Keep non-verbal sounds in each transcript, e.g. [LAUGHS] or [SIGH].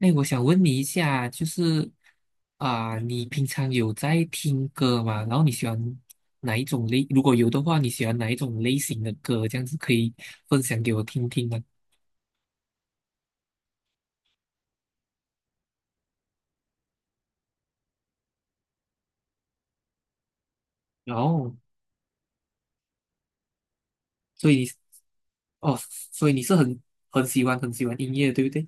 哎，我想问你一下，就是你平常有在听歌吗？然后你喜欢哪一种类？如果有的话，你喜欢哪一种类型的歌？这样子可以分享给我听听吗？然后，所以哦，所以你是很喜欢很喜欢音乐，对不对？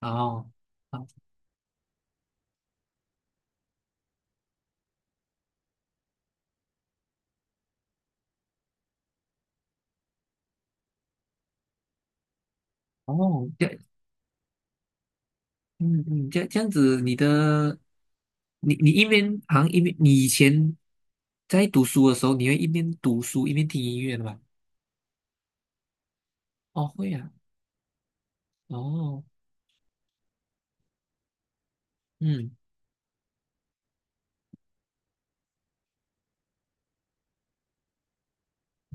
哦。啊。哦，这样。嗯嗯，这样子，你的你你一边好像一边你以前在读书的时候，你会一边读书一边听音乐的吧？哦，会啊。哦。嗯。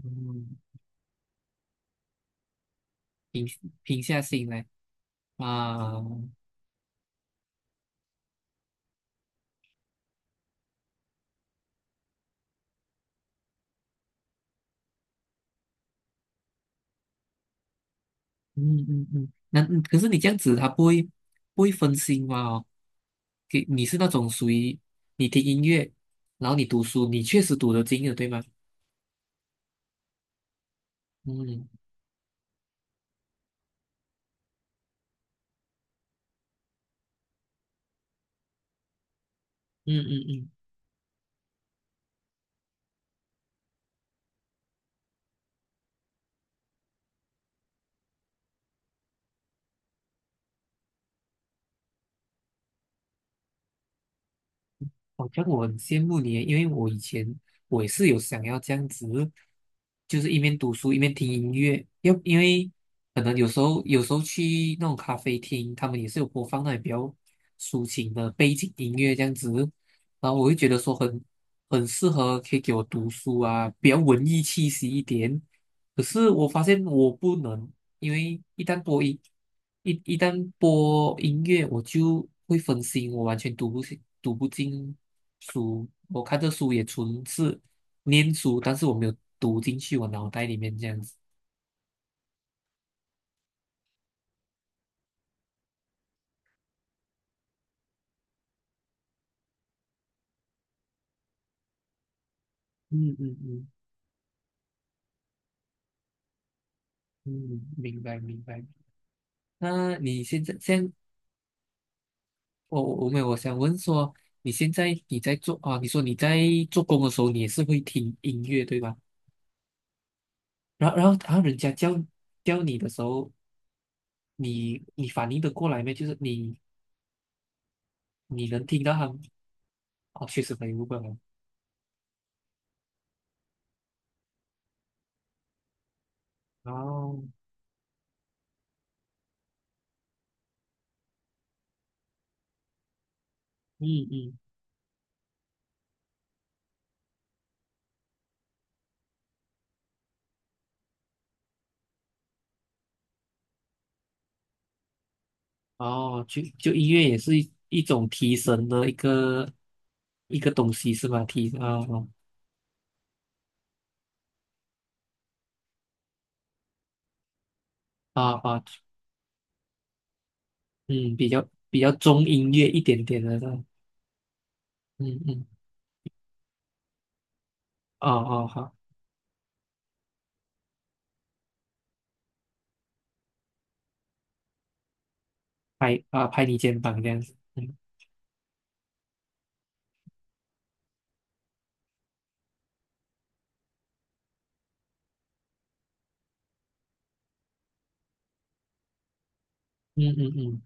嗯，平平下心来啊。嗯嗯嗯，那嗯可是你这样子，他不会分心吗？哦，给你是那种属于你听音乐，然后你读书，你确实读得进的，对吗？嗯嗯嗯嗯。好像我很羡慕你耶，因为我以前我也是有想要这样子，就是一边读书一边听音乐，要因为可能有时候去那种咖啡厅，他们也是有播放那种比较抒情的背景音乐这样子，然后我会觉得说很很适合可以给我读书啊，比较文艺气息一点。可是我发现我不能，因为一旦播音，一旦播音乐，我就会分心，我完全读不进书。我看的书也纯是念书，但是我没有读进去我脑袋里面这样子。嗯，嗯嗯明白明白。那你现在我我没有，我想问说，你现在你在做啊？你说你在做工的时候，你也是会听音乐对吧？然后人家叫你的时候，你你反应得过来没？就是你你能听到他们。哦，确实没有办然。哦。嗯嗯。哦，就就音乐也是一种提神的一个一个东西是吧？提啊啊，嗯，比较比较中音乐一点点的那种。嗯嗯，哦哦好。拍啊拍你肩膀这样子。嗯嗯嗯嗯。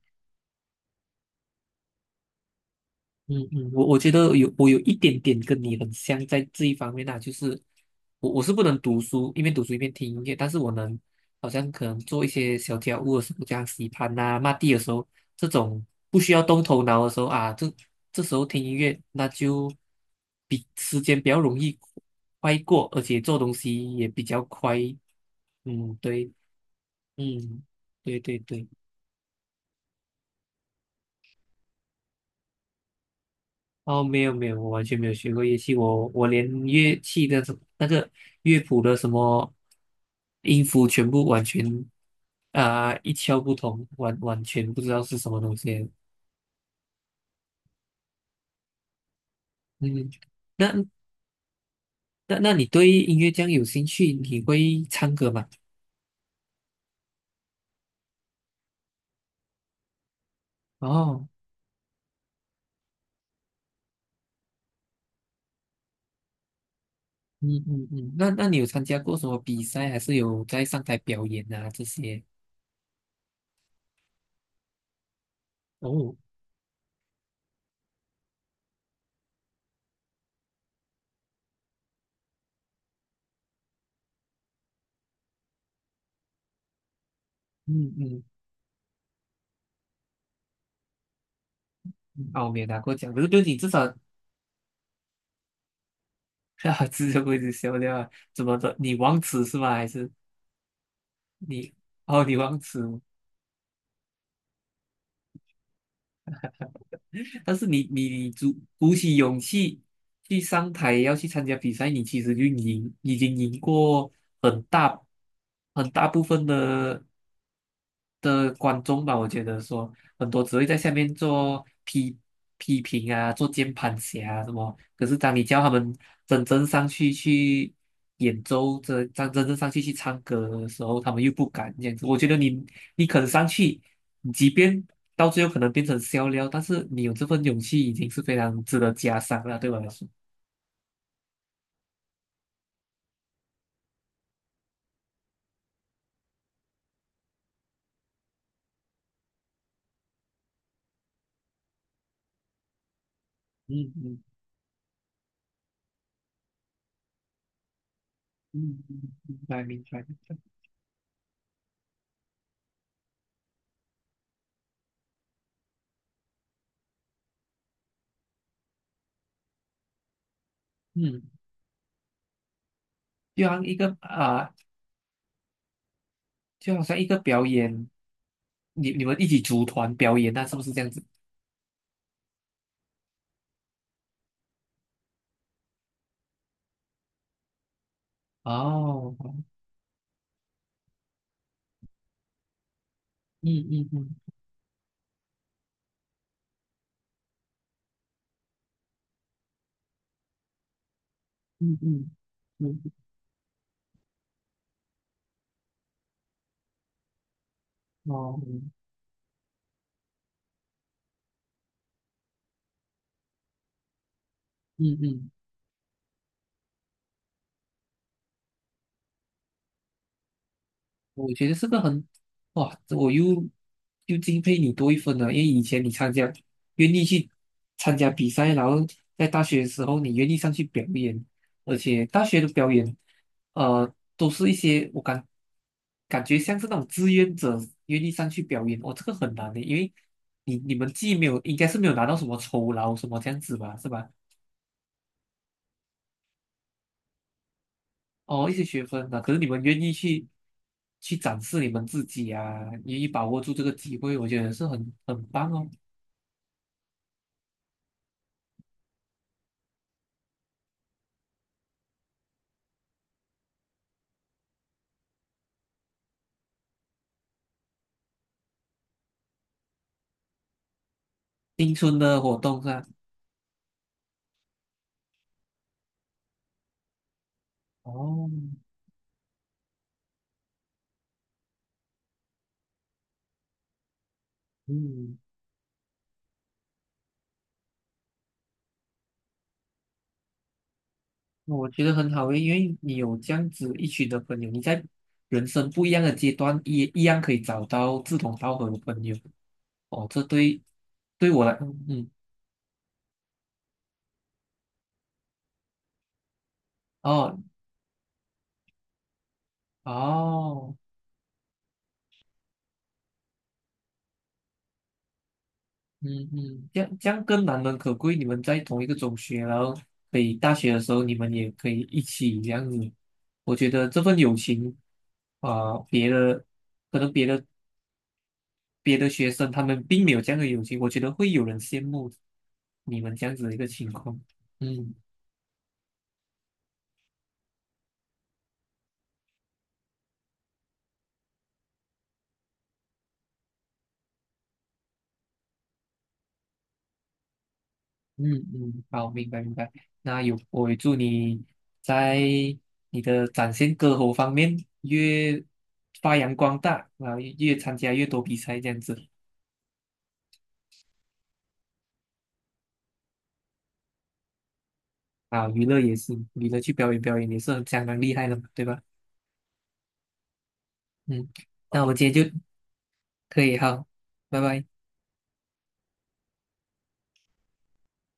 嗯嗯，我我觉得有我有一点点跟你很像，在这一方面啊，就是我我是不能读书，一边读书一边听音乐，但是我能好像可能做一些小家务的时候，这样洗盘呐、抹地的时候，这种不需要动头脑的时候啊，这这时候听音乐，那就比时间比较容易快过，而且做东西也比较快。嗯，对。嗯，对对对。哦，没有没有，我完全没有学过乐器，我我连乐器的什那个乐谱的什么音符全部完全一窍不通，完完全不知道是什么东西。嗯，那那你对音乐这样有兴趣，你会唱歌吗？哦。嗯嗯嗯，那那你有参加过什么比赛，还是有在上台表演啊这些？哦。嗯嗯，嗯哦，没有拿过奖，可是对你至少 [LAUGHS] 啊，只是会是笑料啊，怎么的？你忘词是吗？还是？你哦，你忘词了，但是你鼓鼓起勇气去上台要去参加比赛，你其实就赢，已经赢过很大很大部分的的观众吧，我觉得说很多只会在下面做批批评啊，做键盘侠啊什么。可是当你叫他们真正上去去演奏，真真正上去去唱歌的时候，他们又不敢这样子。我觉得你你肯上去，即便到最后可能变成笑料，但是你有这份勇气，已经是非常值得嘉赏了，对我来说。嗯，嗯明白明白明白。嗯，就像一个就好像一个表演，你你们一起组团表演，那是不是这样子？哦。嗯嗯嗯嗯，哦。嗯嗯。我觉得这个很，哇，我又敬佩你多一分了，因为以前你参加，愿意去参加比赛，然后在大学的时候你愿意上去表演，而且大学的表演，都是一些我感感觉像是那种志愿者愿意上去表演。哦，这个很难的，因为你你们既没有应该是没有拿到什么酬劳什么这样子吧，是吧？哦，一些学分啊，可是你们愿意去去展示你们自己啊，愿意把握住这个机会，我觉得是很很棒哦。青春的活动是吧？哦。嗯，那我觉得很好诶，因为你有这样子一群的朋友，你在人生不一样的阶段也一样可以找到志同道合的朋友。哦，这对对我来，嗯，嗯哦哦。嗯嗯，这样这样更难能可贵。你们在同一个中学，然后可以大学的时候，你们也可以一起这样子。我觉得这份友情别的可能别的学生他们并没有这样的友情，我觉得会有人羡慕你们这样子的一个情况。嗯嗯嗯，好，明白明白。那有，我也祝你在你的展现歌喉方面越发扬光大，然后越参加越多比赛这样子。啊，娱乐也是，娱乐去表演表演也是很相当厉害的嘛，对吧？嗯，那我们今天就可以好，拜拜。